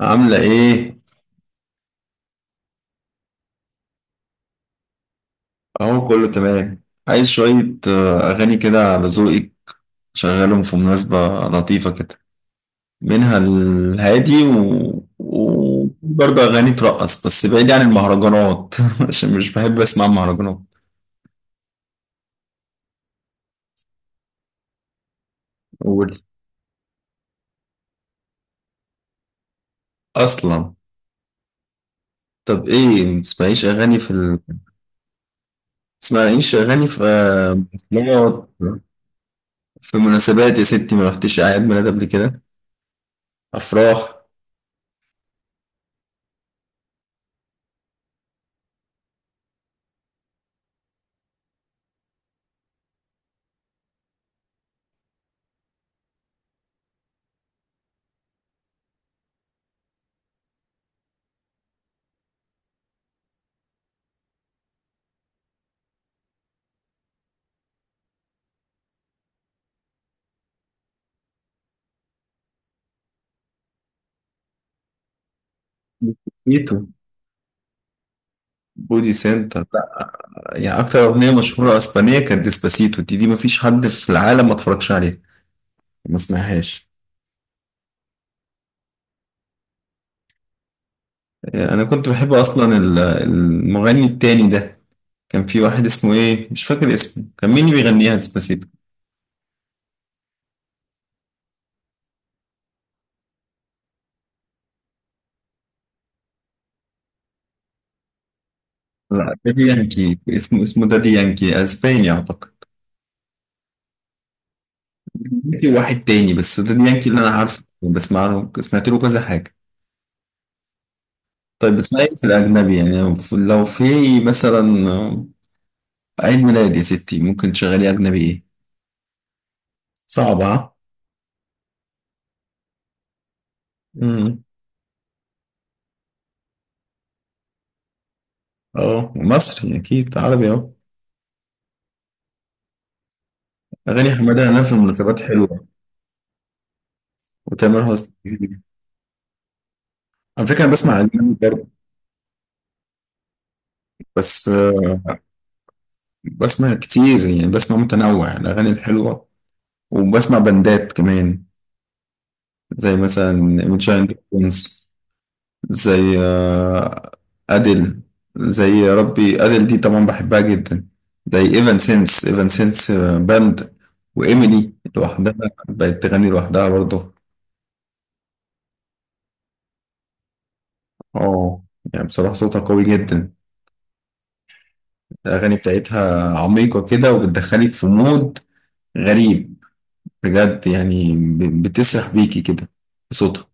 عاملة إيه؟ أهو كله تمام. عايز شوية. أغاني كده على ذوقك، شغالهم في مناسبة لطيفة كده، منها الهادي و... وبرضه أغاني ترقص، بس بعيد عن المهرجانات عشان مش بحب أسمع مهرجانات. قول. أصلا؟ طب إيه متسمعيش أغاني في متسمعيش أغاني في مناسبات؟ في مناسبات يا ستي، ما رحتش أعياد ميلاد قبل كده؟ أفراح؟ بوتيتو، بودي سنتر. يعني اكتر اغنيه مشهوره اسبانيه كانت ديسباسيتو، دي مفيش حد في العالم ما اتفرجش عليها، ما سمعهاش. انا كنت بحب اصلا المغني التاني ده، كان في واحد اسمه ايه، مش فاكر اسمه، كان مين اللي بيغنيها ديسباسيتو. لا دادي يانكي اسمه دادي يانكي، اسباني اعتقد. في واحد تاني، بس دادي يانكي اللي انا عارفه بسمع له، سمعت له كذا حاجه. طيب بتسمعي إيه في الاجنبي يعني، لو في مثلا عيد ميلاد يا ستي، ممكن تشغلي اجنبي ايه؟ صعبه. ها؟ اه مصري اكيد، عربي اهو. اغاني حماده انا في المناسبات حلوه. وتامر حسني. على فكره انا بسمع اجنبي برضه. بس بسمع كتير يعني، بسمع متنوع الاغاني الحلوه، وبسمع بندات كمان، زي مثلا ميتشاين دراجونز، زي اديل، زي يا ربي اديل دي طبعا بحبها جدا، زي ايفان سينس، ايفان سينس باند، وايميلي لوحدها بقت تغني لوحدها برضه. اه، يعني بصراحه صوتها قوي جدا، الأغاني بتاعتها عميقة كده وبتدخلك في مود غريب، بجد يعني بتسرح بيكي كده بصوتها.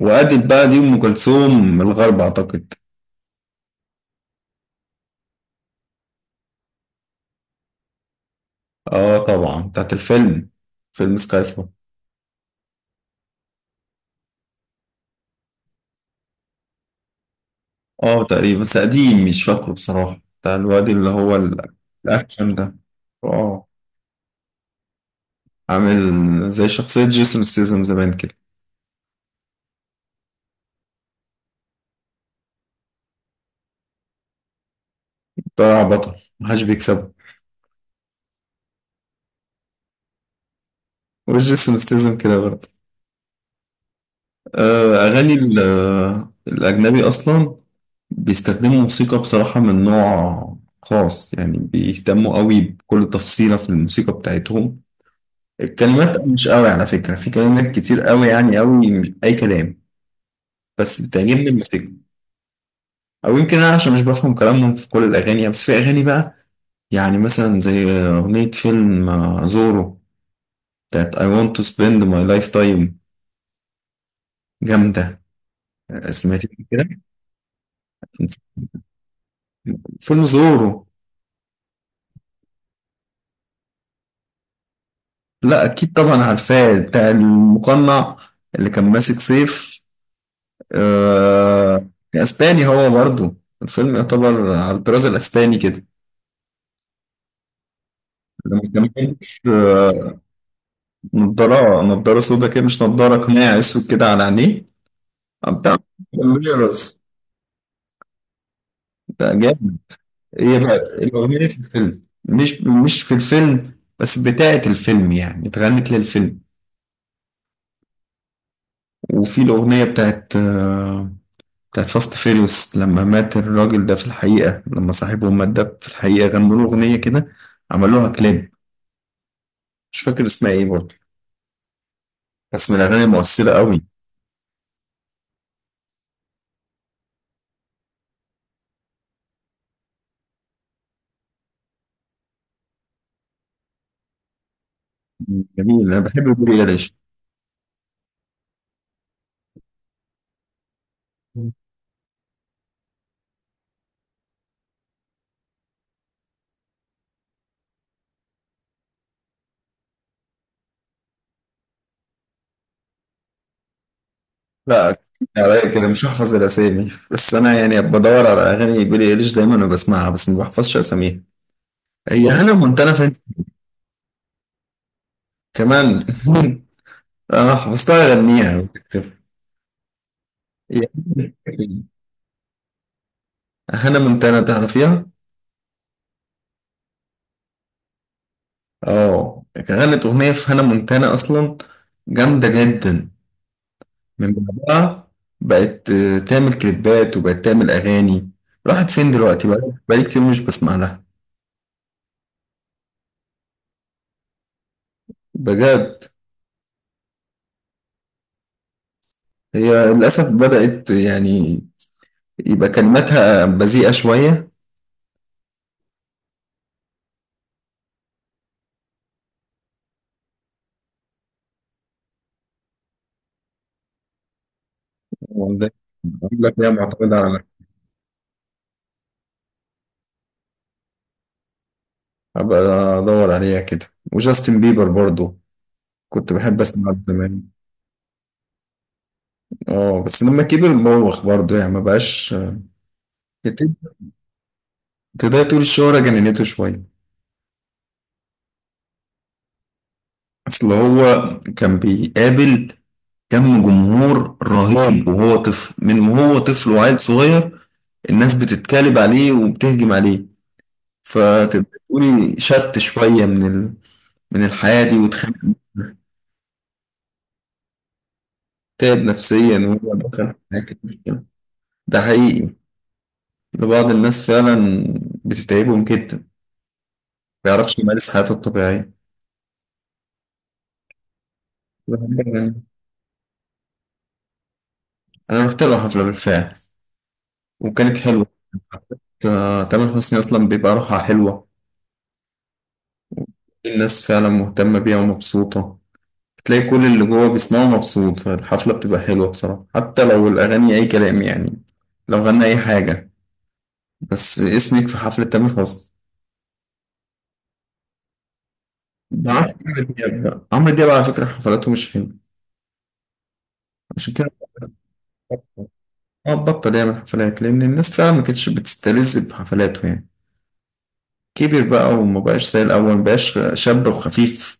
وأدت بقى دي أم كلثوم الغرب أعتقد. آه طبعا بتاعت الفيلم، فيلم سكاي فول. آه تقريبا، بس قديم مش فاكره بصراحة، بتاع الواد اللي هو الأكشن ده. آه، عامل زي شخصية جيسون ستيزم زمان كده، طلع بطل محدش بيكسبه. وجيسون ستيزم كده برضه. أغاني الأجنبي أصلا بيستخدموا موسيقى بصراحة من نوع خاص، يعني بيهتموا قوي بكل تفصيلة في الموسيقى بتاعتهم. الكلمات مش قوي على فكرة، في كلمات كتير قوي يعني قوي مش أي كلام، بس بتعجبني الموسيقى. أو يمكن أنا عشان مش بفهم كلامهم في كل الأغاني يعني، بس في أغاني بقى، يعني مثلا زي أغنية فيلم زورو، بتاعت I want to spend my lifetime، جامدة. سمعتها كده. فيلم زورو. لا اكيد طبعا عارفاه، بتاع المقنع اللي كان ماسك سيف. آه، اسباني هو برضو، الفيلم يعتبر على الطراز الاسباني كده. لما كان ماسك، آه، نضاره سودا كده، مش نضاره، قناع اسود كده على عينيه. بتاع ميرز، ده جامد. ايه بقى الاغنيه في الفيلم، مش في الفيلم، بس بتاعت الفيلم يعني، اتغنت للفيلم. وفي الاغنيه بتاعت بتاعت فاست فيريوس، لما مات الراجل ده في الحقيقة، لما صاحبهم مات ده في الحقيقة، غنوا له أغنية كده، عملوها كليب. مش فاكر اسمها إيه برضه، بس من الأغاني المؤثرة قوي. جميل، أنا بحب بيلي إيليش. لا كتير عليا كده، مش هحفظ الأسامي، بس أنا يعني بدور على أغاني بيلي إيليش دايما وبسمعها، بس ما بحفظش أساميها. هي هانا مونتانا فين كمان؟ أنا حفظتها أغنيها. هانا مونتانا تعرفيها؟ اه، غنت أغنية في هانا مونتانا أصلا، جامدة جدا. من بعدها بقت تعمل كليبات وبقت تعمل أغاني. راحت فين دلوقتي بقى، بقالي كتير مش بسمع لها. بجد؟ هي للأسف بدأت يعني يبقى كلماتها بذيئة شوية. وده بقول لك، هي معتمدة على... أبقى أدور عليها كده. وجاستن بيبر برضو كنت بحب أسمع زمان، اه بس لما كبر بوخ برضو يعني، ما بقاش. تقدر تقول الشهرة جننته شوية. اصل هو كان بيقابل كم جمهور رهيب، وهو طفل، وهو طفل وعيل صغير، الناس بتتكالب عليه وبتهجم عليه، فتقدر تقولي شت شوية من من الحياة دي، واتخانق منها. تعب نفسيا، وهو دخل في حاجة كده مش كده. ده حقيقي، لبعض الناس فعلا بتتعبهم جدا، ما بيعرفش يمارس حياته الطبيعية. أنا رحت له حفلة بالفعل، وكانت حلوة. تامر حسني أصلا بيبقى روحها حلوة، الناس فعلا مهتمة بيها ومبسوطة، تلاقي كل اللي جوه بيسمعه مبسوط، فالحفلة بتبقى حلوة بصراحة، حتى لو الأغاني أي كلام يعني، لو غنى أي حاجة، بس اسمك في حفلة تامر حسني. ده عكس عمرو دياب بقى، عمرو دياب على فكرة حفلاته مش حلوة، عشان كده هو بطل يعمل حفلات، لأن الناس فعلا ما كانتش بتستلذ بحفلاته يعني. كبر بقى وما بقاش زي الأول، ما بقاش شاب وخفيف.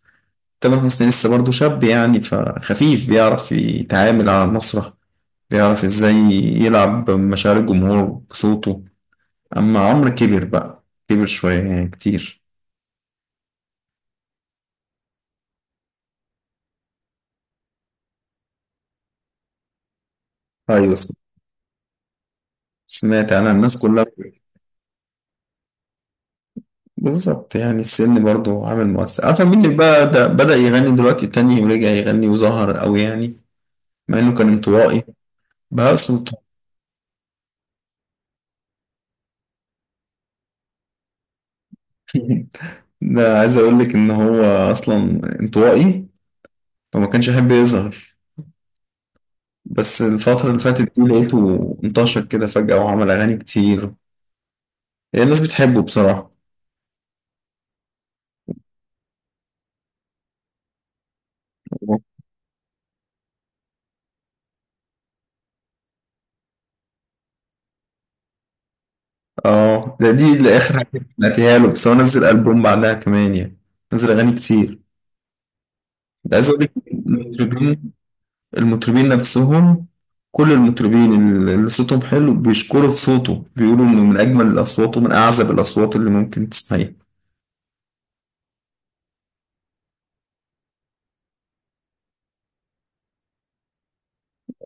تامر حسني لسه برضه شاب يعني، فخفيف، بيعرف يتعامل على المسرح، بيعرف ازاي يلعب مشاعر الجمهور بصوته. اما عمرو كبر بقى، كبر شوية يعني كتير. ايوه، سمعت انا الناس كلها. بالظبط يعني، السن برضو عامل مؤثر. عارفة مين اللي بقى ده بدأ يغني دلوقتي تاني ورجع يغني وظهر قوي يعني، مع انه كان انطوائي، بقى صوته... ده عايز اقول لك ان هو اصلا انطوائي، فما كانش يحب يظهر، بس الفترة اللي فاتت دي لقيته انتشر كده فجأة وعمل اغاني كتير. يعني الناس بتحبه بصراحة. اه ده، دي اللي اخر حاجه سمعتها له، بس هو نزل البوم بعدها كمان يعني، نزل اغاني كتير. ده عايز اقول لك المطربين، المطربين نفسهم، كل المطربين اللي صوتهم حلو بيشكروا في صوته، بيقولوا انه من اجمل الاصوات ومن اعذب الاصوات اللي ممكن تسمعيها.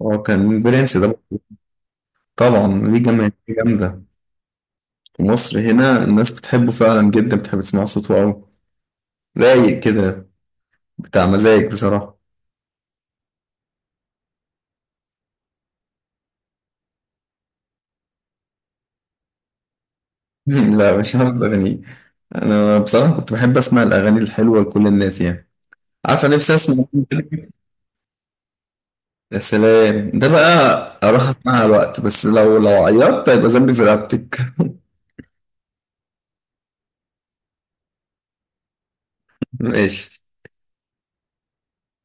هو كان برنس ده طبعا، ليه جماهير جامده، في مصر هنا الناس بتحبه فعلا جدا، بتحب تسمع صوته قوي، رايق كده، بتاع مزاج بصراحه. لا مش حافظ أغاني. أنا بصراحة كنت بحب أسمع الأغاني الحلوة لكل الناس يعني، عارفة نفسي أسمع. يا سلام ده بقى، أروح أسمعها وقت، بس لو لو عيطت هيبقى ذنبي في رقبتك. ماشي.